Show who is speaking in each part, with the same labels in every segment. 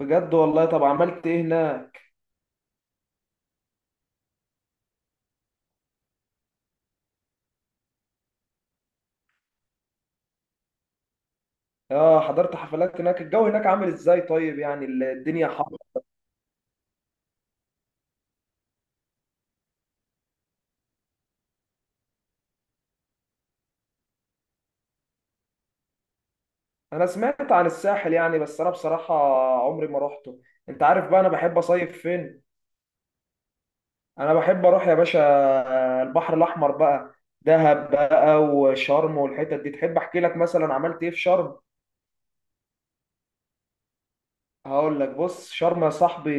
Speaker 1: بجد والله. طب عملت ايه هناك؟ اه حضرت حفلات هناك. الجو هناك عامل ازاي طيب؟ يعني الدنيا حر؟ انا سمعت عن الساحل يعني، بس انا بصراحة عمري ما روحته. انت عارف بقى انا بحب اصيف فين؟ انا بحب اروح يا باشا البحر الاحمر بقى، دهب بقى وشرم والحتت دي. تحب احكي لك مثلا عملت ايه في شرم؟ هقول لك. بص شرم يا صاحبي،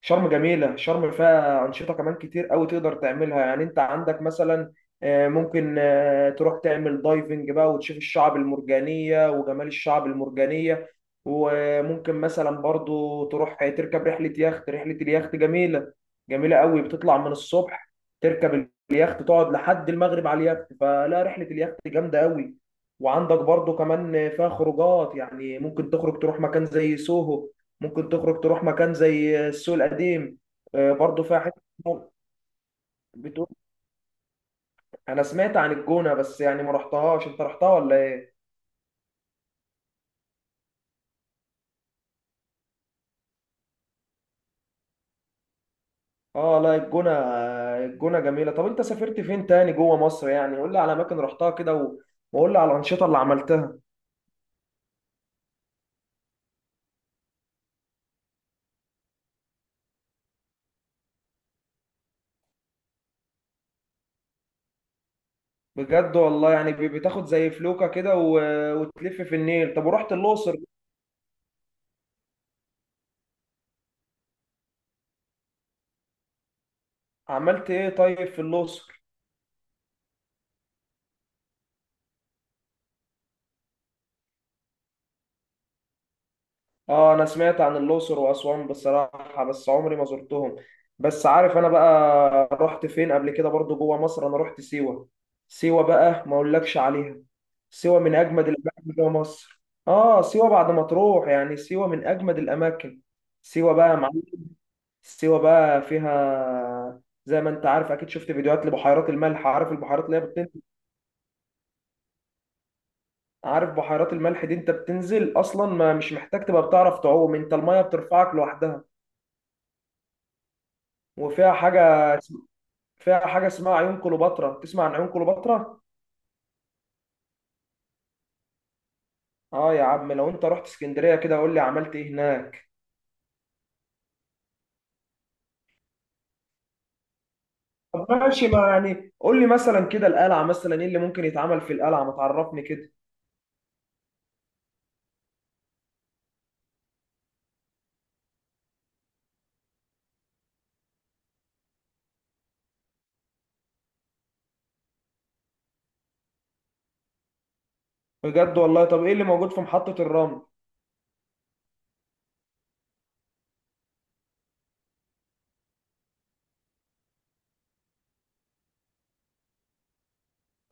Speaker 1: شرم جميلة. شرم فيها أنشطة كمان كتير قوي تقدر تعملها. يعني أنت عندك مثلا، ممكن تروح تعمل دايفنج بقى وتشوف الشعب المرجانية وجمال الشعب المرجانية. وممكن مثلا برضو تروح تركب رحلة يخت. رحلة اليخت جميلة، جميلة قوي. بتطلع من الصبح، تركب اليخت، تقعد لحد المغرب على اليخت. فلا، رحلة اليخت جامدة قوي. وعندك برضو كمان فيها خروجات. يعني ممكن تخرج تروح مكان زي سوهو، ممكن تخرج تروح مكان زي السوق القديم. برضو فيها حته. بتقول؟ انا سمعت عن الجونه، بس يعني ما رحتهاش. انت رحتها ولا ايه؟ اه لا، الجونه الجونه جميله. طب انت سافرت فين تاني جوه مصر؟ يعني قول لي على اماكن رحتها كده وقول لي على الانشطه اللي عملتها. بجد والله. يعني بتاخد زي فلوكه كده وتلف في النيل. طب ورحت الاقصر؟ عملت ايه طيب في الاقصر؟ اه انا سمعت عن الاقصر واسوان بصراحه، بس عمري ما زرتهم. بس عارف انا بقى رحت فين قبل كده برضو جوه مصر؟ انا رحت سيوه. سيوه بقى ما اقولكش عليها. سيوه من اجمد الاماكن جوه مصر. اه سيوه، بعد ما تروح يعني سيوه من اجمد الاماكن. سيوه بقى يا معلم. سيوه بقى فيها زي ما انت عارف اكيد، شفت فيديوهات لبحيرات الملح. عارف البحيرات اللي هي بتنزل؟ عارف بحيرات الملح دي انت بتنزل اصلا، ما مش محتاج تبقى بتعرف تعوم، انت الميه بترفعك لوحدها. وفيها حاجة، فيها حاجة اسمها عيون كليوباترا. تسمع عن عيون كليوباترا؟ اه يا عم، لو انت رحت اسكندرية كده، قول لي عملت ايه هناك. طب ماشي، ما يعني قول لي مثلا كده القلعة مثلا، ايه اللي ممكن يتعمل في القلعة؟ ما تعرفني كده. بجد والله. طب ايه اللي موجود في محطة الرمل؟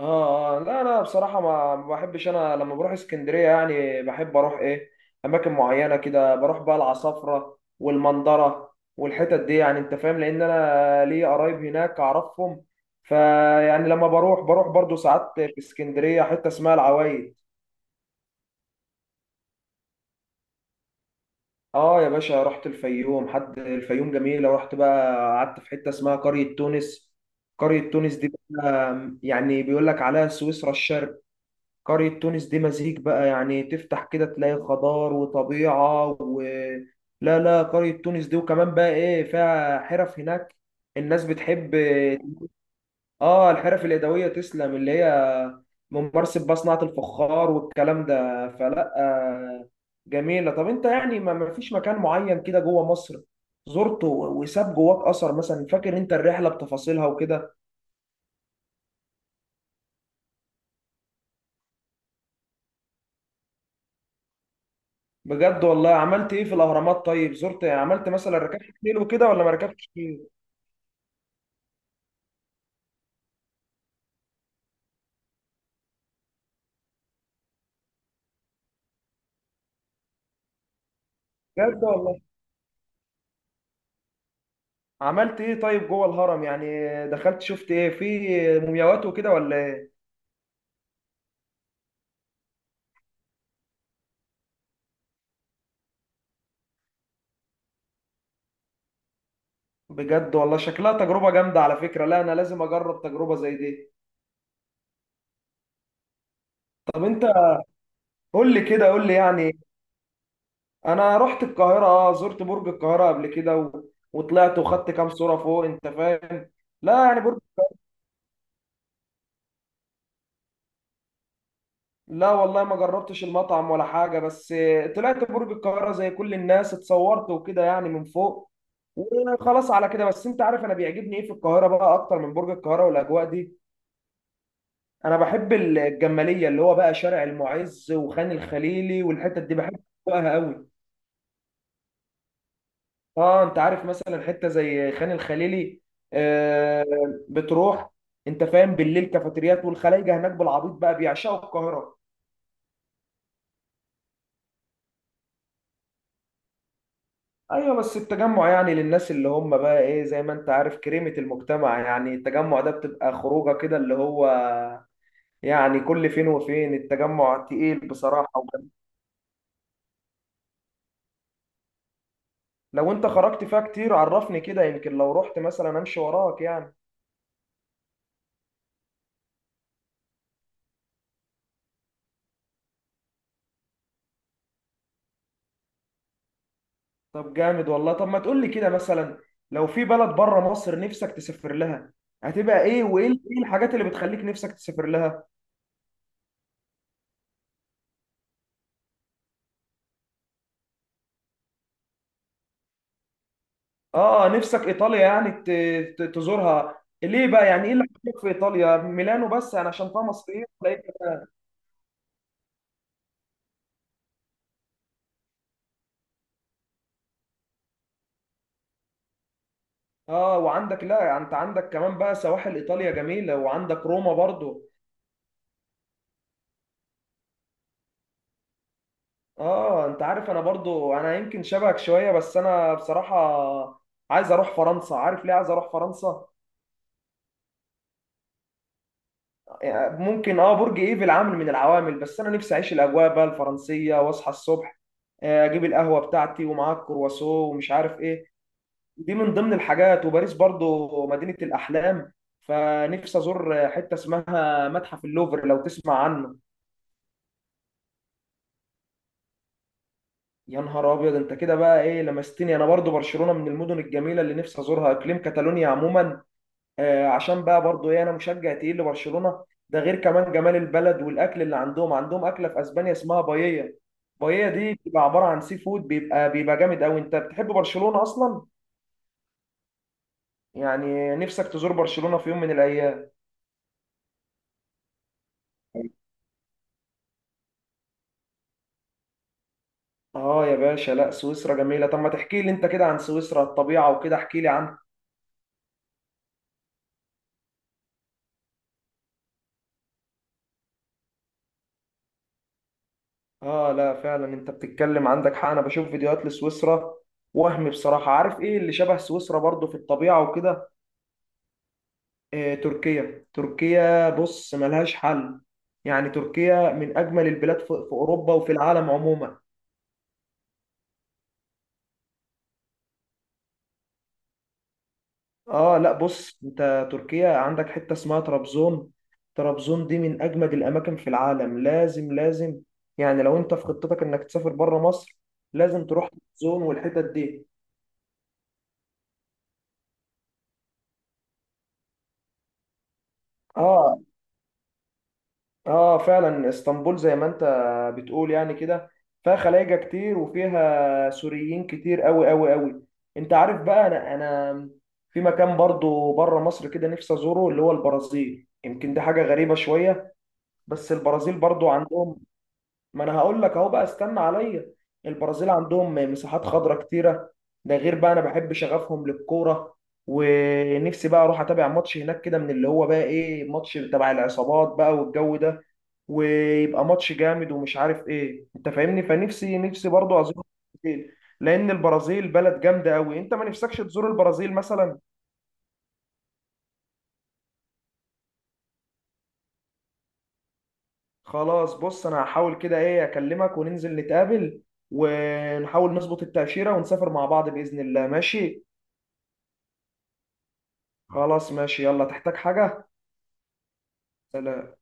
Speaker 1: اه، لا انا بصراحه ما بحبش. انا لما بروح اسكندريه يعني بحب اروح ايه، اماكن معينه كده. بروح بقى العصافره والمنظره والحتت دي يعني، انت فاهم، لان انا لي قرايب هناك اعرفهم. فيعني لما بروح، بروح برضو ساعات في اسكندريه حته اسمها العوايد. اه يا باشا، رحت الفيوم. حد الفيوم جميله. ورحت بقى قعدت في حته اسمها قريه تونس. قريه تونس دي بقى يعني بيقول لك عليها سويسرا الشرق. قرية تونس دي مزيج بقى، يعني تفتح كده تلاقي خضار وطبيعة و... لا لا، قرية تونس دي وكمان بقى ايه، فيها حرف هناك الناس بتحب. اه الحرف اليدوية، تسلم. اللي هي ممارسة بقى صناعة الفخار والكلام ده. فلا جميلة. طب انت يعني ما فيش مكان معين كده جوه مصر زرته وساب جواك اثر مثلا، فاكر انت الرحلة بتفاصيلها وكده؟ بجد والله. عملت ايه في الاهرامات طيب؟ زرت، عملت مثلا، ركبت خيل وكده ولا ما ركبتش خيل؟ بجد والله. عملت ايه طيب جوه الهرم يعني؟ دخلت شفت ايه، في مومياوات وكده ولا ايه؟ بجد والله، شكلها تجربة جامدة على فكرة. لا انا لازم اجرب تجربة زي دي. طب انت، قول لي كده، قول لي يعني. انا رحت القاهرة، اه زرت برج القاهرة قبل كده وطلعت وخدت كام صورة فوق، انت فاهم. لا يعني برج، لا والله ما جربتش المطعم ولا حاجة. بس طلعت برج القاهرة زي كل الناس، اتصورت وكده يعني من فوق، وخلاص على كده. بس انت عارف انا بيعجبني ايه في القاهرة بقى اكتر من برج القاهرة والاجواء دي؟ انا بحب الجماليه، اللي هو بقى شارع المعز وخان الخليلي والحتت دي، بحب اجواءها قوي. اه انت عارف مثلا حته زي خان الخليلي، آه، بتروح، انت فاهم، بالليل كافيتريات. والخلايجه هناك بالعبيط بقى بيعشقوا القاهره. ايوه بس التجمع يعني للناس اللي هم بقى ايه، زي ما انت عارف، كريمه المجتمع. يعني التجمع ده بتبقى خروجه كده اللي هو يعني كل فين وفين. التجمع تقيل بصراحه، لو انت خرجت فيها كتير عرفني كده، يمكن لو رحت مثلا امشي وراك يعني. طب جامد والله. طب ما تقول لي كده مثلا، لو في بلد بره مصر نفسك تسافر لها، هتبقى ايه؟ وايه ايه الحاجات اللي بتخليك نفسك تسافر لها؟ اه نفسك ايطاليا؟ يعني تزورها ليه بقى؟ يعني ايه اللي عجبك في ايطاليا ميلانو؟ بس انا عشان فيها مصريين ولا إيه؟ اه وعندك، لا انت عندك كمان بقى سواحل ايطاليا جميله، وعندك روما برضو. اه انت عارف انا برضو، انا يمكن شبهك شويه، بس انا بصراحه عايز اروح فرنسا. عارف ليه عايز اروح فرنسا؟ ممكن اه برج ايفل عامل من العوامل، بس انا نفسي اعيش الاجواء بقى الفرنسيه، واصحى الصبح اجيب القهوه بتاعتي ومعاها الكرواسون ومش عارف ايه. دي من ضمن الحاجات. وباريس برضو مدينه الاحلام، فنفسي ازور حته اسمها متحف اللوفر لو تسمع عنه. يا نهار ابيض، انت كده بقى ايه، لمستني. انا برضو برشلونه من المدن الجميله اللي نفسي ازورها، اقليم كاتالونيا عموما. عشان بقى برضو ايه، انا مشجع تقيل لبرشلونه. ده غير كمان جمال البلد والاكل اللي عندهم. عندهم اكله في اسبانيا اسمها باييه. باييه دي بتبقى عباره عن سي فود، بيبقى جامد قوي. انت بتحب برشلونه اصلا؟ يعني نفسك تزور برشلونه في يوم من الايام؟ اه يا باشا، لا سويسرا جميله. طب ما تحكي لي انت كده عن سويسرا، الطبيعه وكده، احكي لي عنها. اه لا فعلا انت بتتكلم، عندك حق. انا بشوف فيديوهات لسويسرا وهم بصراحه. عارف ايه اللي شبه سويسرا برضو في الطبيعه وكده؟ تركيا. تركيا بص ملهاش حل. يعني تركيا من اجمل البلاد في اوروبا وفي العالم عموما. اه لا بص، انت تركيا عندك حته اسمها طرابزون. طرابزون دي من اجمد الاماكن في العالم. لازم لازم، يعني لو انت في خطتك انك تسافر بره مصر، لازم تروح طرابزون والحتت دي. اه. اه فعلا اسطنبول زي ما انت بتقول يعني كده، فيها خلايجة كتير وفيها سوريين كتير قوي قوي قوي. انت عارف بقى انا، في مكان برضو بره مصر كده نفسي ازوره، اللي هو البرازيل. يمكن دي حاجة غريبة شوية، بس البرازيل برضو عندهم، ما انا هقول لك اهو بقى استنى عليا. البرازيل عندهم مساحات خضراء كتيره. ده غير بقى انا بحب شغفهم للكوره. ونفسي بقى اروح اتابع ماتش هناك كده، من اللي هو بقى ايه، ماتش تبع العصابات بقى والجو ده، ويبقى ماتش جامد ومش عارف ايه، انت فاهمني. فنفسي، نفسي برضو ازور البرازيل، لان البرازيل بلد جامده قوي. انت ما نفسكش تزور البرازيل مثلا؟ خلاص بص، انا هحاول كده ايه، اكلمك وننزل نتقابل، ونحاول نظبط التأشيرة ونسافر مع بعض بإذن الله، ماشي. خلاص ماشي، يلا. تحتاج حاجة؟ سلام.